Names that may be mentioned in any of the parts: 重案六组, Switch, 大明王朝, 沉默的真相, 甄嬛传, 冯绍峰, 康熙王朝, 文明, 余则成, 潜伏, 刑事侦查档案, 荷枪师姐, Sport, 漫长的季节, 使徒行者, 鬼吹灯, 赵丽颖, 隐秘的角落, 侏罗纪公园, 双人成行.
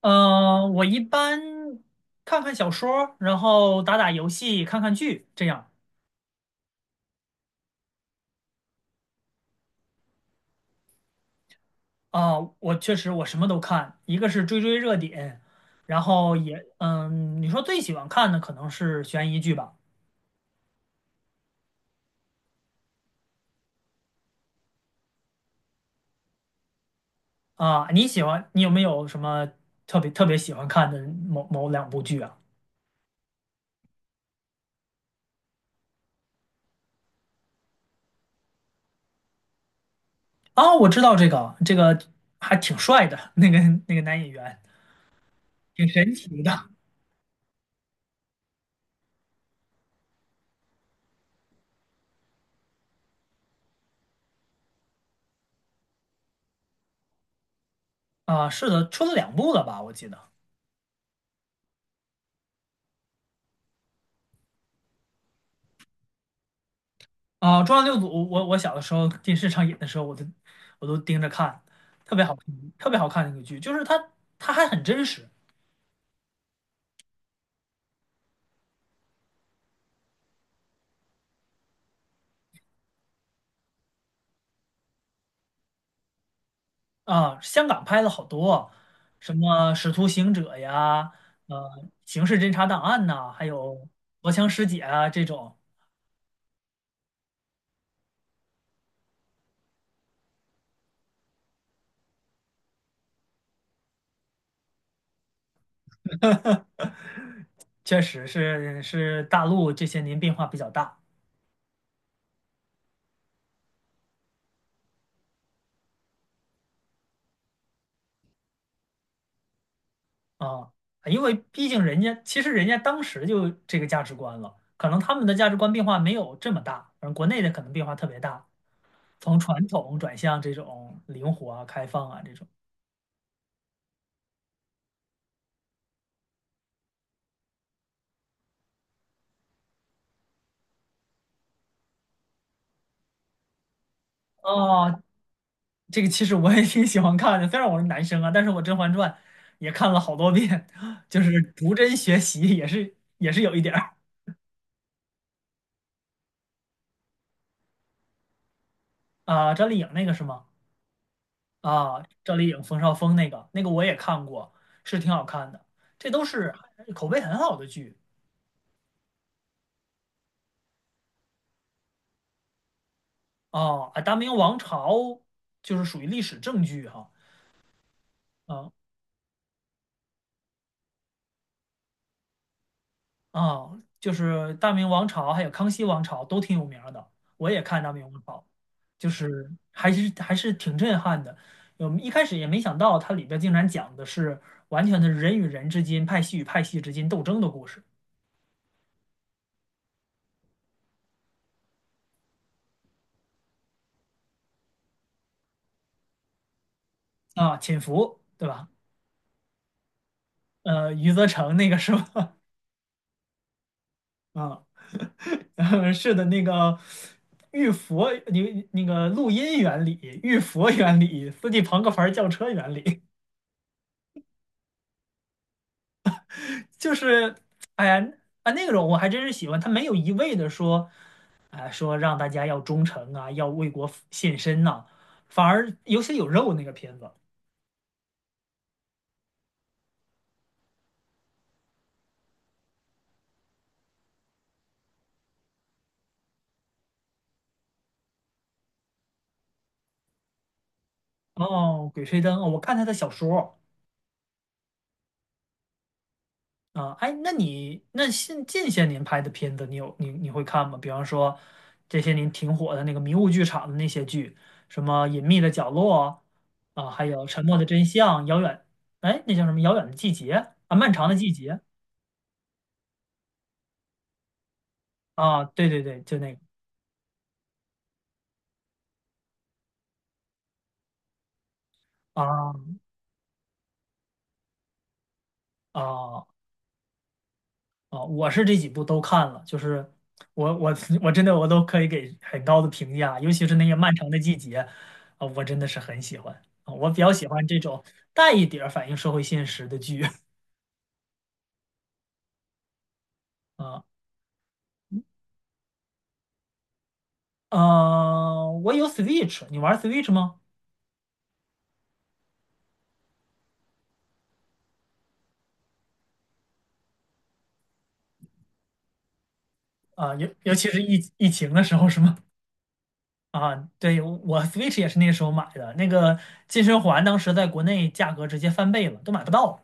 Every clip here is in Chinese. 我一般看看小说儿然后打打游戏，看看剧，这样。啊，我确实，我什么都看，一个是追追热点，然后也你说最喜欢看的可能是悬疑剧吧？啊，你喜欢你有没有什么特别特别喜欢看的某某两部剧啊？啊，我知道这个还挺帅的，那个男演员挺神奇的。啊，是的，出了两部了吧？我记得。啊，重案六组》我小的时候电视上演的时候，我都盯着看，特别好看，特别好看那个剧，就是它还很真实。啊，香港拍了好多，什么《使徒行者》呀，呃，《刑事侦查档案》呐，还有《荷枪师姐》啊这种。确实是大陆这些年变化比较大。啊，因为毕竟其实人家当时就这个价值观了，可能他们的价值观变化没有这么大，而国内的可能变化特别大。从传统转向这种灵活啊、开放啊这种。哦，这个其实我也挺喜欢看的，虽然我是男生啊，但是我《甄嬛传》也看了好多遍，就是逐帧学习也是有一点儿。啊。赵丽颖那个是吗？啊，赵丽颖、冯绍峰那个我也看过，是挺好看的，这都是口碑很好的剧。哦。啊，《大明王朝》就是属于历史正剧哈。嗯。啊，就是大明王朝还有康熙王朝都挺有名儿的，我也看大明王朝，就是还是挺震撼的。我们一开始也没想到它里边竟然讲的是完全的人与人之间、派系与派系之间斗争的故事。啊，潜伏，对吧？余则成那个是吧？啊，是的，那个玉佛，你那个录音原理、玉佛原理、斯蒂庞克牌轿车原理就是，哎呀，啊那个种我还真是喜欢，他没有一味的说，啊，说让大家要忠诚啊，要为国献身呐、反而有血有肉那个片子。哦，《鬼吹灯》哦，我看他的小说。啊，哎，那你近些年拍的片子，你有你你会看吗？比方说这些年挺火的那个迷雾剧场的那些剧，什么《隐秘的角落》啊，还有《沉默的真相》，哎，那叫什么《遥远的季节》啊，《漫长的季节》。啊，对对对，就那个。啊啊啊！我是这几部都看了，就是我 我真的我都可以给很高的评价，尤其是那些漫长的季节啊，我真的是很喜欢啊，我比较喜欢这种带一点儿反映社会现实的剧 啊啊！我有 Switch，你玩 Switch 吗？啊，尤其是疫情的时候是吗？啊，对，我 Switch 也是那时候买的，那个健身环当时在国内价格直接翻倍了，都买不到。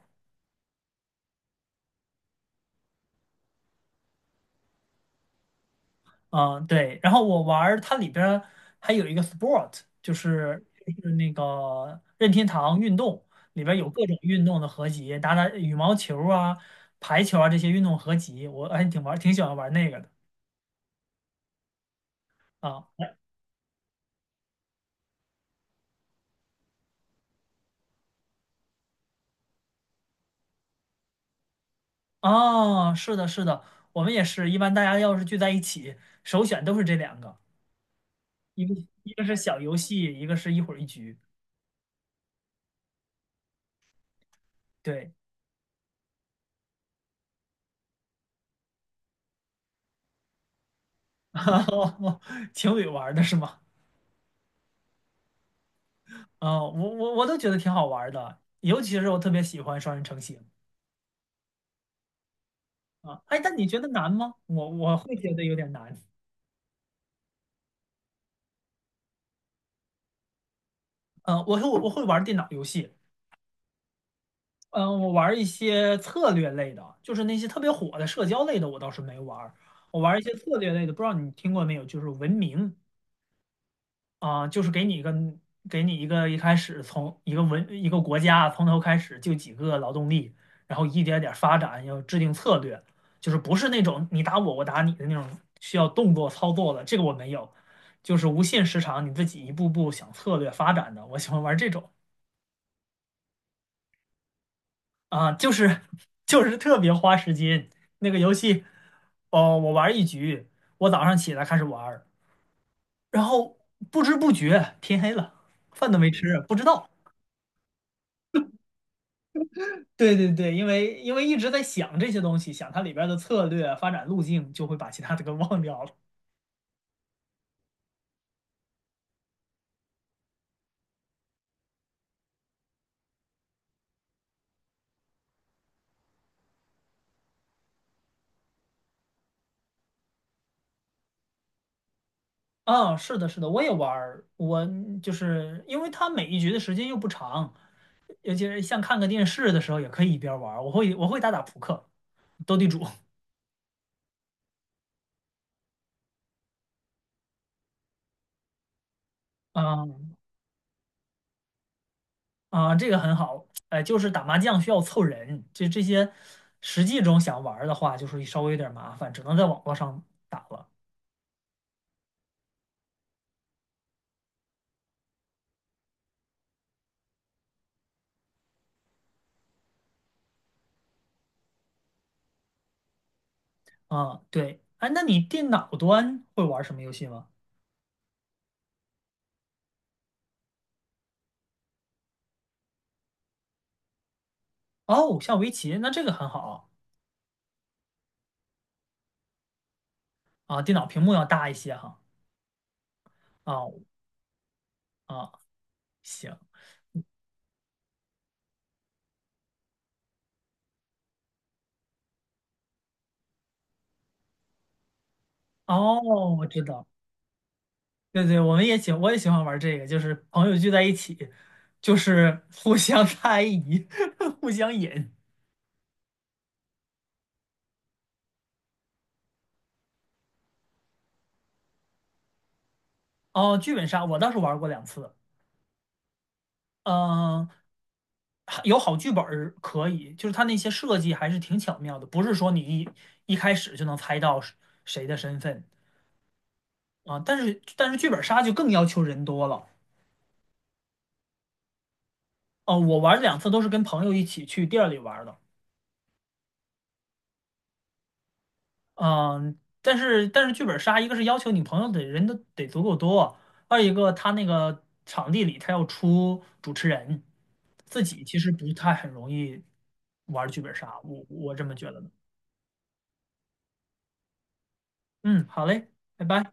嗯，对。然后我玩儿它里边儿还有一个 Sport，就是那个任天堂运动里边儿有各种运动的合集，打打羽毛球啊、排球啊这些运动合集，我还挺喜欢玩儿那个的。啊。哦，是的，是的，我们也是一般大家要是聚在一起，首选都是这两个，一个一个是小游戏，一个是一会儿一局。对。情侣玩儿的是吗？嗯，我都觉得挺好玩儿的，尤其是我特别喜欢双人成行。啊。哎，但你觉得难吗？我会觉得有点难。嗯，我会玩儿电脑游戏。嗯，我玩儿一些策略类的，就是那些特别火的社交类的，我倒是没玩儿。我玩儿一些策略类的，不知道你听过没有？就是文明。啊，就是给你一个一开始从一个国家从头开始就几个劳动力，然后一点点发展，要制定策略，就是不是那种你打我我打你的那种需要动作操作的，这个我没有，就是无限时长，你自己一步步想策略发展的，我喜欢玩这种。啊，就是 就是特别花时间那个游戏，哦，我玩一局，我早上起来开始玩儿然后不知不觉天黑了，饭都没吃，不知道。对对对，因为一直在想这些东西，想它里边的策略啊、发展路径，就会把其他的给忘掉了。啊，是的，是的，我也玩儿，我就是因为它每一局的时间又不长，尤其是像看个电视的时候，也可以一边玩儿。我会打打扑克、斗地主。啊啊，这个很好。哎，就是打麻将需要凑人，这些实际中想玩儿的话，就是稍微有点麻烦，只能在网络上打了。啊，对，哎，那你电脑端会玩什么游戏吗？哦，下围棋，那这个很好啊，电脑屏幕要大一些哈。啊啊，行，哦，我知道，对对，我也喜欢玩这个，就是朋友聚在一起，就是 互相猜疑，互相引。哦，剧本杀我倒是玩过两次。嗯，还有好剧本儿可以，就是它那些设计还是挺巧妙的，不是说你一开始就能猜到是谁的身份。啊，但是剧本杀就更要求人多了。哦，我玩两次都是跟朋友一起去店儿里玩儿的。嗯，但是剧本杀，一个是要求你朋友得人都得足够多，二一个他那个场地里他要出主持人，自己其实不太很容易玩剧本杀，我这么觉得的。嗯，好嘞，拜拜。